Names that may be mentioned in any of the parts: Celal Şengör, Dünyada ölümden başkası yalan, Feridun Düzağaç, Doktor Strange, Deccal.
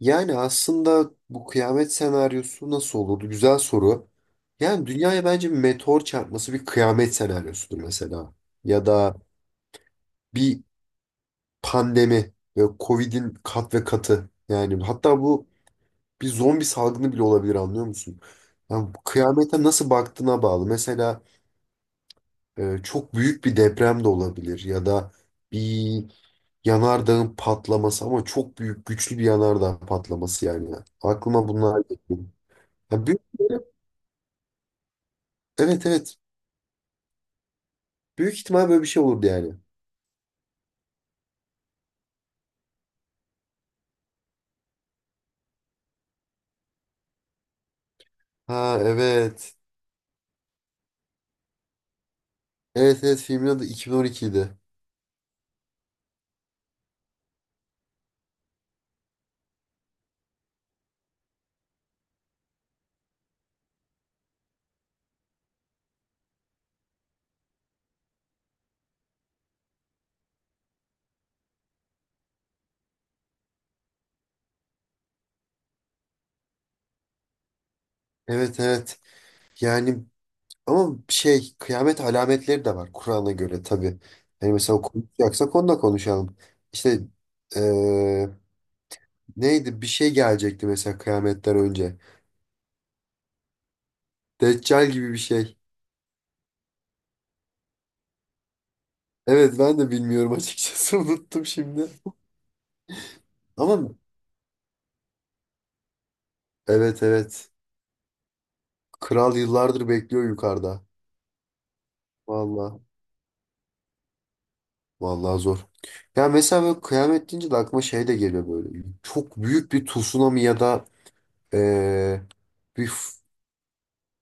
Yani aslında bu kıyamet senaryosu nasıl olurdu? Güzel soru. Yani dünyaya bence bir meteor çarpması bir kıyamet senaryosudur mesela. Ya da bir pandemi ve Covid'in kat ve katı. Yani hatta bu bir zombi salgını bile olabilir, anlıyor musun? Yani bu kıyamete nasıl baktığına bağlı. Mesela çok büyük bir deprem de olabilir ya da bir yanardağın patlaması, ama çok büyük güçlü bir yanardağ patlaması yani. Aklıma bunlar geliyor. Ya büyük. Evet evet. Büyük ihtimal böyle bir şey olurdu yani. Ha, evet. Evet evet, filmin adı 2012 idi. Evet evet. Yani ama şey, kıyamet alametleri de var Kur'an'a göre tabii. Yani mesela konuşacaksak onu da konuşalım. İşte eee, neydi, bir şey gelecekti mesela kıyametten önce. Deccal gibi bir şey. Evet, ben de bilmiyorum açıkçası, unuttum şimdi. Ama evet evet. Kral yıllardır bekliyor yukarıda. Vallahi, vallahi zor. Ya mesela böyle kıyamet deyince de aklıma şey de geliyor böyle. Çok büyük bir tsunami ya da eee, bir f-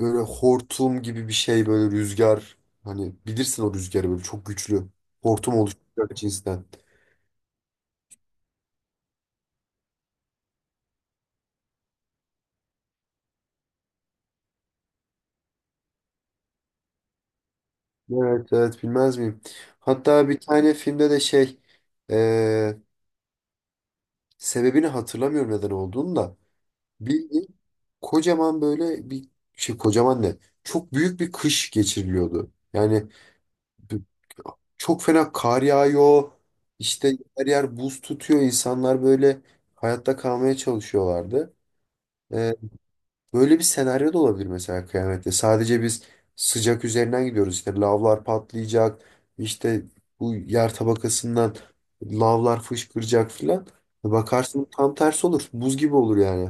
böyle hortum gibi bir şey, böyle rüzgar. Hani bilirsin, o rüzgarı böyle çok güçlü. Hortum oluşturacak cinsten. Evet evet, bilmez miyim? Hatta bir tane filmde de şey, eee, sebebini hatırlamıyorum neden olduğunu da. Bildiğin kocaman böyle bir şey, kocaman ne? Çok büyük bir kış geçiriliyordu. Yani çok fena kar yağıyor. İşte her yer buz tutuyor. İnsanlar böyle hayatta kalmaya çalışıyorlardı. Ee, Böyle bir senaryo da olabilir mesela kıyamette. Sadece biz sıcak üzerinden gidiyoruz. İşte lavlar patlayacak. İşte bu yer tabakasından lavlar fışkıracak filan. Bakarsın tam tersi olur. Buz gibi olur yani.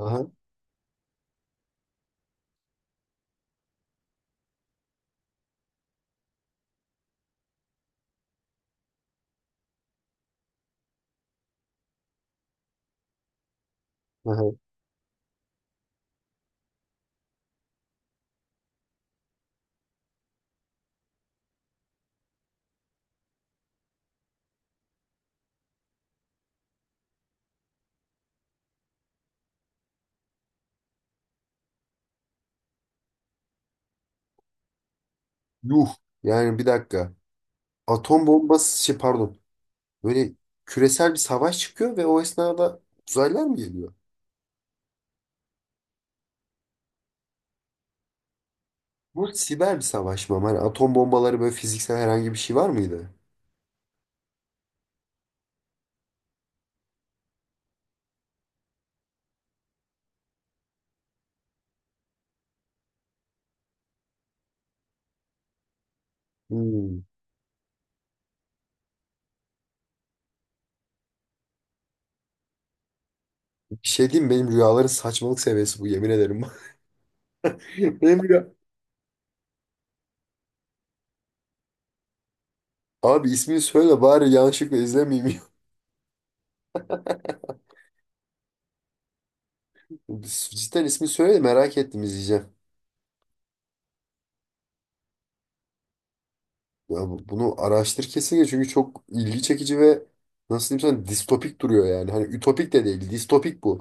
Aha, aha. Yuh. Yani bir dakika. Atom bombası, şey pardon. Böyle küresel bir savaş çıkıyor ve o esnada uzaylılar mı geliyor? Bu siber bir savaş mı ama? Hani atom bombaları böyle fiziksel herhangi bir şey var mıydı? Hmm. Bir şey diyeyim mi, benim rüyaların saçmalık seviyesi bu, yemin ederim. Benim rüya... Abi ismini söyle bari, yanlışlıkla izlemeyeyim. Cidden ismini söyle de, merak ettim, izleyeceğim. Ya bunu araştır kesinlikle çünkü çok ilgi çekici ve nasıl diyeyim sana, distopik duruyor yani. Hani ütopik de değil, distopik bu.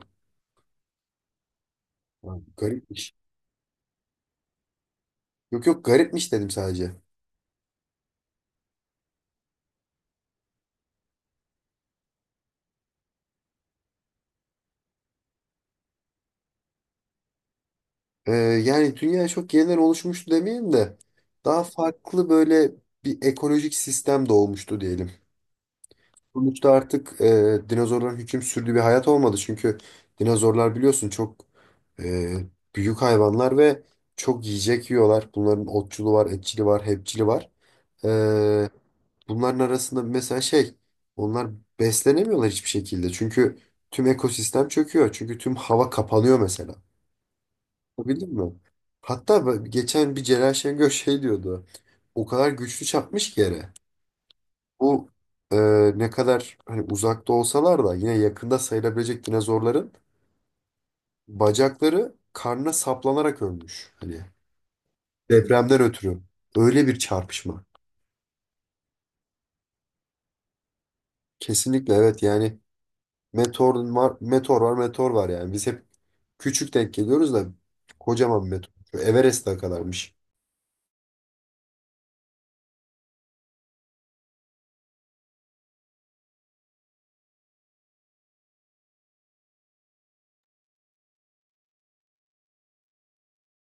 Ha, garipmiş. Yok yok, garipmiş dedim sadece. Ee, Yani dünya çok yeniden oluşmuştu demeyeyim de daha farklı böyle bir ekolojik sistem doğmuştu diyelim. Sonuçta artık dinozorların hüküm sürdüğü bir hayat olmadı. Çünkü dinozorlar biliyorsun çok e, büyük hayvanlar ve çok yiyecek yiyorlar. Bunların otçulu var, etçili var, hepçili var. Ee, Bunların arasında mesela şey, onlar beslenemiyorlar hiçbir şekilde. Çünkü tüm ekosistem çöküyor. Çünkü tüm hava kapanıyor mesela. Bildin mi? Hatta geçen bir Celal Şengör şey diyordu. O kadar güçlü çarpmış ki yere. Bu e, ne kadar hani uzakta olsalar da yine yakında sayılabilecek dinozorların bacakları karnına saplanarak ölmüş. Hani depremden ötürü. Öyle bir çarpışma. Kesinlikle evet yani, meteor var, meteor var, meteor var yani. Biz hep küçük denk geliyoruz da kocaman bir meteor. Şu Everest'e kadarmış.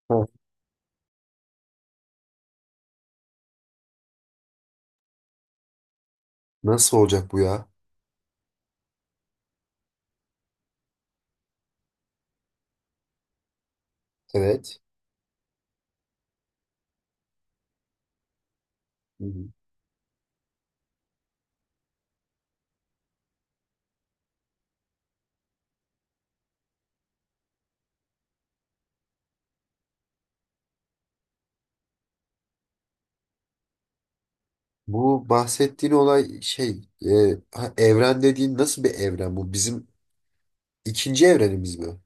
Ha. Nasıl olacak bu ya? Evet. Bu bahsettiğin olay şey ha, evren dediğin nasıl bir evren bu? Bizim ikinci evrenimiz mi?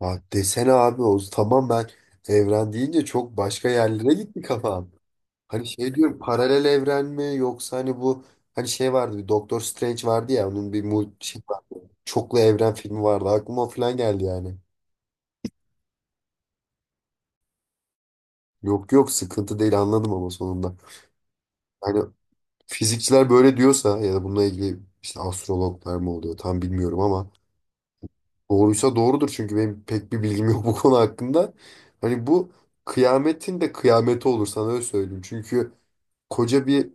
Ha, desene abi, o tamam, ben evren deyince çok başka yerlere gitti kafam. Hani şey diyorum, paralel evren mi, yoksa hani bu, hani şey vardı, bir Doktor Strange vardı ya, onun bir mu şey vardı. Çoklu evren filmi vardı, aklıma o falan geldi yani. Yok yok, sıkıntı değil, anladım ama sonunda. Hani fizikçiler böyle diyorsa ya da bununla ilgili işte astrologlar mı oluyor tam bilmiyorum ama doğruysa doğrudur çünkü benim pek bir bilgim yok bu konu hakkında. Hani bu kıyametin de kıyameti olur sana öyle söyleyeyim. Çünkü koca bir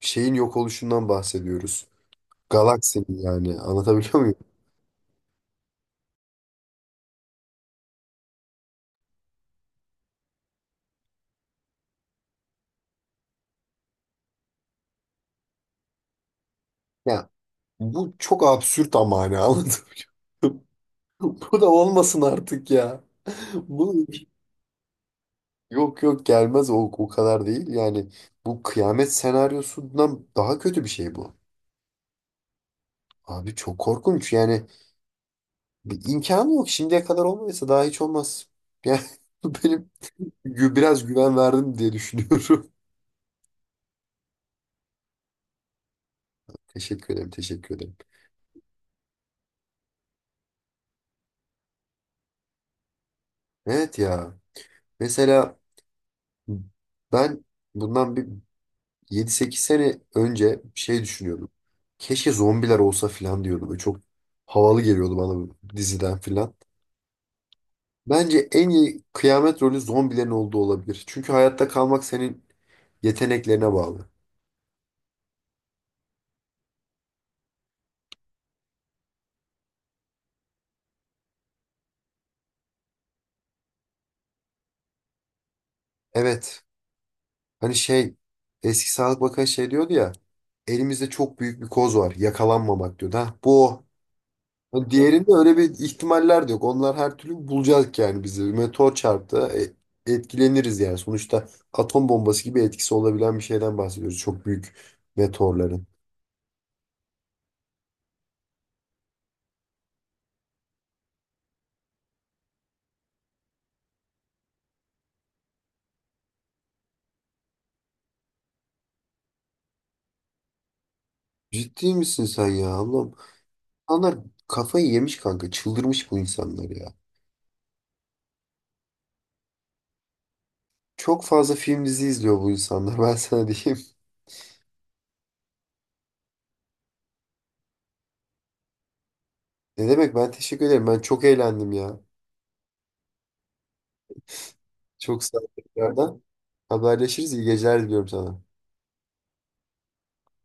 şeyin yok oluşundan bahsediyoruz. Galaksinin yani, anlatabiliyor muyum? Ya bu çok absürt ama hani, anlatabiliyor muyum? Bu da olmasın artık ya. Bu, yok yok, gelmez o, o kadar değil. Yani bu kıyamet senaryosundan daha kötü bir şey bu. Abi çok korkunç yani. Bir imkanı yok. Şimdiye kadar olmadıysa daha hiç olmaz. Yani benim biraz güven verdim diye düşünüyorum. Teşekkür ederim, teşekkür ederim. Evet ya. Mesela ben bundan bir 7 8 sene önce şey düşünüyordum. Keşke zombiler olsa filan diyordum. Böyle çok havalı geliyordu bana bu diziden filan. Bence en iyi kıyamet rolü zombilerin olduğu olabilir. Çünkü hayatta kalmak senin yeteneklerine bağlı. Evet. Hani şey, eski Sağlık Bakanı şey diyordu ya. Elimizde çok büyük bir koz var. Yakalanmamak diyor. Ha, bu o. Hani diğerinde öyle bir ihtimaller de yok. Onlar her türlü bulacak yani bizi. Meteor çarptı, etkileniriz yani. Sonuçta atom bombası gibi etkisi olabilen bir şeyden bahsediyoruz. Çok büyük meteorların. Ciddi misin sen ya, Allah'ım? İnsanlar kafayı yemiş kanka. Çıldırmış bu insanlar ya. Çok fazla film dizi izliyor bu insanlar. Ben sana diyeyim. Ne demek, ben teşekkür ederim. Ben çok eğlendim ya. Çok sağ ol tekrardan. Haberleşiriz. İyi geceler diliyorum sana.